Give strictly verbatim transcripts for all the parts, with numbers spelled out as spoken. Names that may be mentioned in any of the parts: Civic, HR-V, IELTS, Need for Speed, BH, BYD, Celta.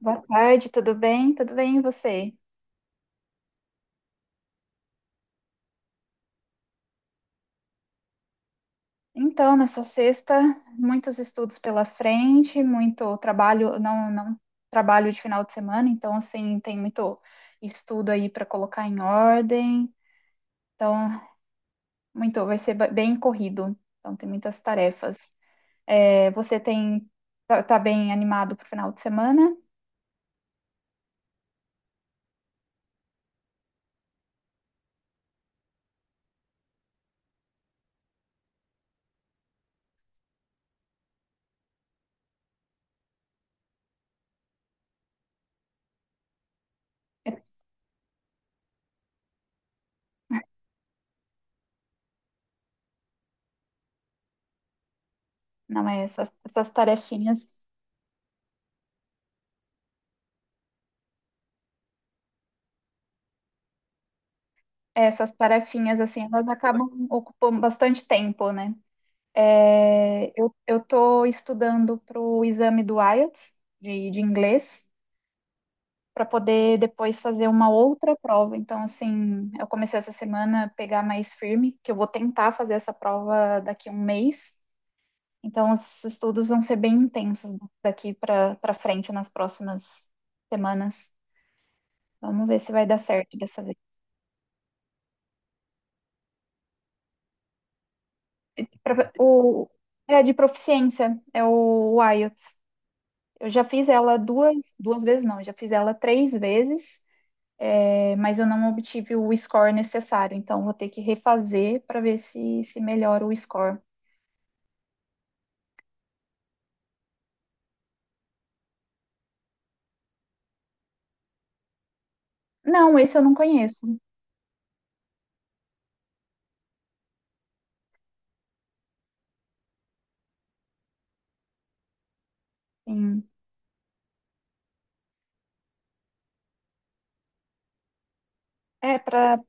Boa tarde, tudo bem? Tudo bem, e você? Então, nessa sexta, muitos estudos pela frente, muito trabalho, não, não trabalho de final de semana, então, assim, tem muito estudo aí para colocar em ordem, então, muito, vai ser ba- bem corrido, então, tem muitas tarefas. É, você tem, tá, tá bem animado para o final de semana? É, não é, essas, essas tarefinhas, é, essas tarefinhas, assim, elas acabam ocupando bastante tempo, né? É, eu eu estou estudando para o exame do I E L T S de, de inglês para poder depois fazer uma outra prova. Então, assim, eu comecei essa semana a pegar mais firme, que eu vou tentar fazer essa prova daqui a um mês. Então, os estudos vão ser bem intensos daqui para para frente nas próximas semanas. Vamos ver se vai dar certo dessa vez. Pra- O, é de proficiência, é o I E L T S. Eu já fiz ela duas, duas vezes, não, eu já fiz ela três vezes. É, mas eu não obtive o score necessário, então vou ter que refazer para ver se, se melhora o score. Não, esse eu não conheço. Sim. É, para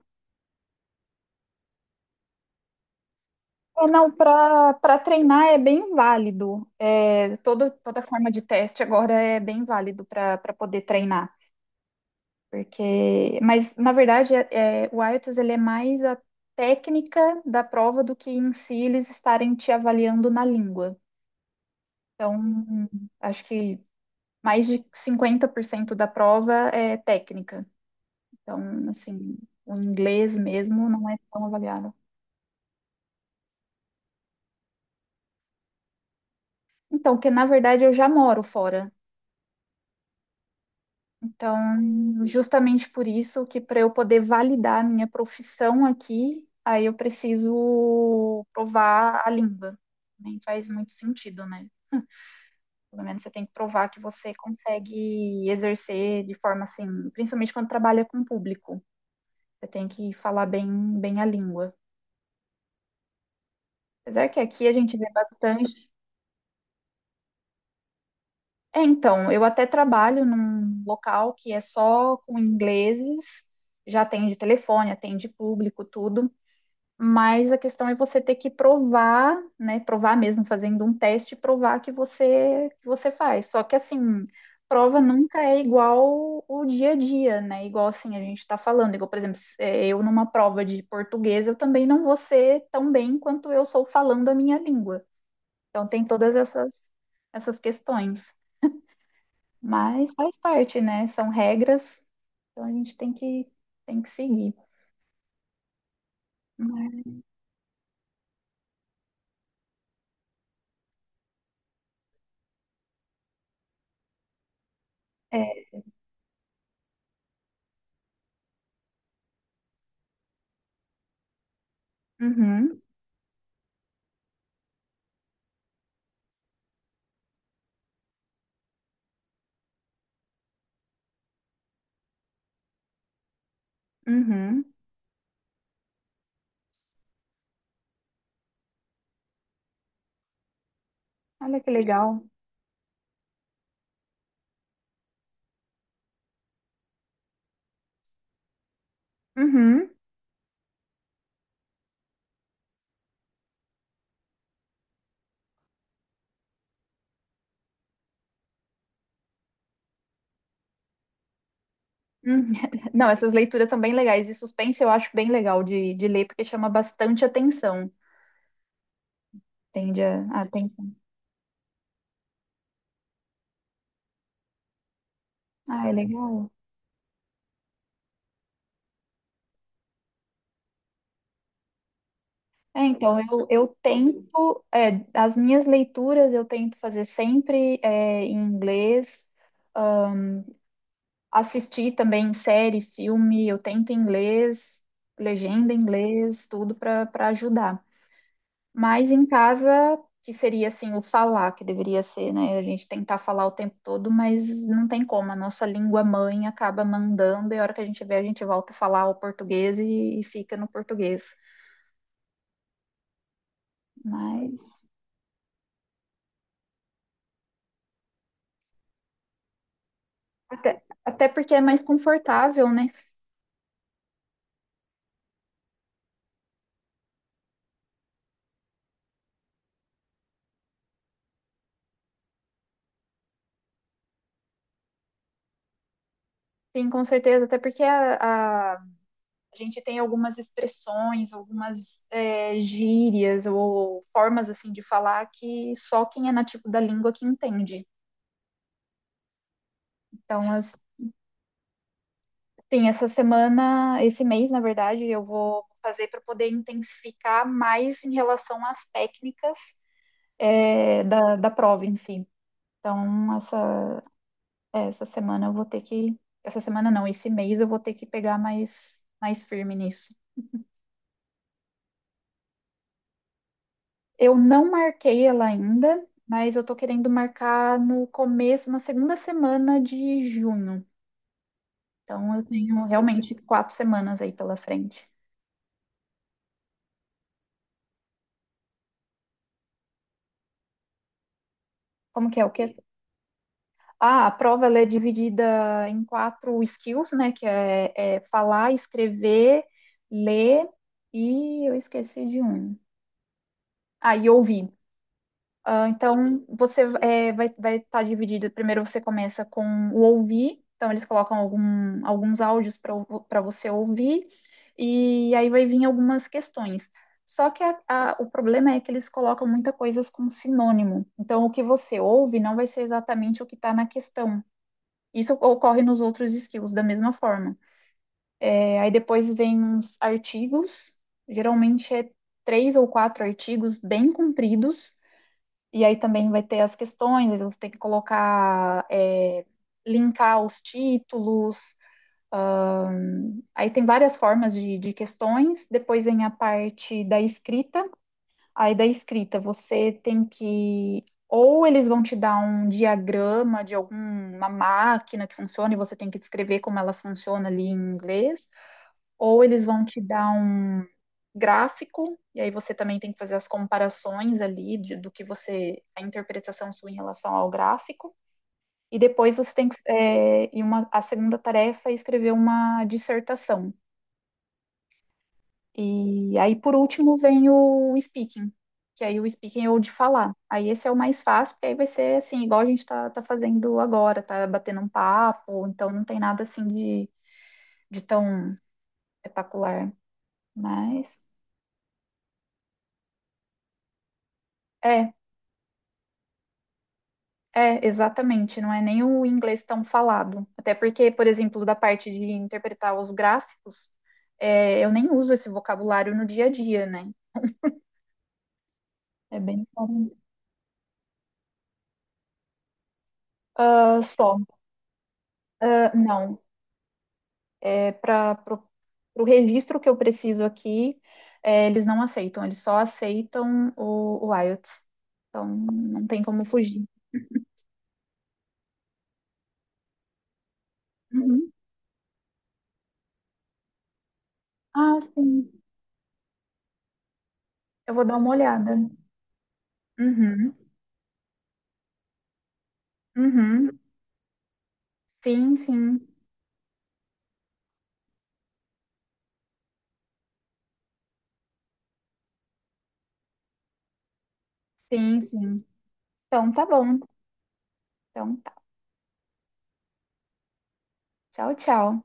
não, para treinar é bem válido. É, todo, toda forma de teste agora é bem válido para para poder treinar. Porque, mas na verdade é, é, o I E L T S ele é mais a técnica da prova do que em si eles estarem te avaliando na língua. Então, hum, acho que mais de cinquenta por cento da prova é técnica. Então, assim, o inglês mesmo não é tão avaliado. Então, que na verdade eu já moro fora. Então, justamente por isso que para eu poder validar a minha profissão aqui, aí eu preciso provar a língua. Nem faz muito sentido, né? Pelo menos você tem que provar que você consegue exercer de forma assim, principalmente quando trabalha com público. Você tem que falar bem, bem a língua. Apesar que aqui a gente vê bastante. É, então, eu até trabalho num local que é só com ingleses, já atende telefone, atende público, tudo. Mas a questão é você ter que provar, né? Provar mesmo, fazendo um teste, provar que você que você faz. Só que assim, prova nunca é igual o dia a dia, né? Igual assim a gente está falando. Igual, por exemplo, se- eh, eu numa prova de português, eu também não vou ser tão bem quanto eu sou falando a minha língua. Então tem todas essas, essas questões. Mas faz parte, né? São regras, então a gente tem que, tem que seguir. Mas- É, uhum, uhum. Olha que legal. Uhum, uhum. Não, essas leituras são bem legais. E suspense eu acho bem legal de, de ler, porque chama bastante atenção. Tende a, a atenção. Ah, é legal. É, então, eu, eu tento, é, as minhas leituras eu tento fazer sempre é, em inglês, assistir também série, filme, eu tento em inglês, legenda em inglês, tudo para para ajudar. Mas em casa, que seria assim o falar, que deveria ser, né? A gente tentar falar o tempo todo, mas não tem como. A nossa língua mãe acaba mandando, e a hora que a gente vê, a gente volta a falar o português e, e fica no português. Mas até, até porque é mais confortável, né? Sim, com certeza. Até porque a, a- a gente tem algumas expressões, algumas é, gírias ou formas assim de falar que só quem é nativo da língua que entende. Então, as, tem essa semana, esse mês, na verdade, eu vou fazer para poder intensificar mais em relação às técnicas é, da, da prova em si. Então, essa, é, essa semana eu vou ter que. Essa semana não, esse mês eu vou ter que pegar mais, mais firme nisso. Eu não marquei ela ainda, mas eu tô querendo marcar no começo, na segunda semana de junho. Então eu tenho realmente quatro semanas aí pela frente. Como que é o quê? Ah, a prova ela é dividida em quatro skills, né? Que é, é falar, escrever, ler e eu esqueci de um. Ah, e ouvir. Ah, então, você é, vai vai estar dividido. Primeiro você começa com o ouvir, então eles colocam algum- alguns áudios para você ouvir, e aí vai vir algumas questões. Só que a- a- o problema é que eles colocam muita coisas com sinônimo. Então, o que você ouve não vai ser exatamente o que está na questão. Isso ocorre nos outros skills da mesma forma. É, aí depois vem uns artigos, geralmente é três ou quatro artigos bem compridos e aí também vai ter as questões, aí você tem que colocar, é, linkar os títulos. Aí tem várias formas de, de questões. Depois vem a parte da escrita. Aí da escrita você tem que. Ou eles vão te dar um diagrama de alguma máquina que funciona e você tem que descrever como ela funciona ali em inglês. Ou eles vão te dar um gráfico, e aí você também tem que fazer as comparações ali de- do que você, a interpretação sua em relação ao gráfico. E depois você tem que, é, e uma, a segunda tarefa é escrever uma dissertação. E aí, por último, vem o speaking, que aí o speaking é o de falar. Aí esse é o mais fácil, porque aí vai ser assim, igual a gente está tá tá fazendo agora, tá batendo um papo, então não tem nada assim de, de tão espetacular. Mas é, é, exatamente, não é nem o inglês tão falado. Até porque, por exemplo, da parte de interpretar os gráficos, é, eu nem uso esse vocabulário no dia a dia, né? É bem caro. Ah, só. Ah, não, é para o registro que eu preciso aqui, é, eles não aceitam, eles só aceitam o, o I E L T S. Então, não tem como fugir. Uhum. Ah, sim. Eu vou dar uma olhada. Uhum. Uhum. Sim, sim. Sim, sim. Então, tá bom. Então, tá. Tchau, tchau.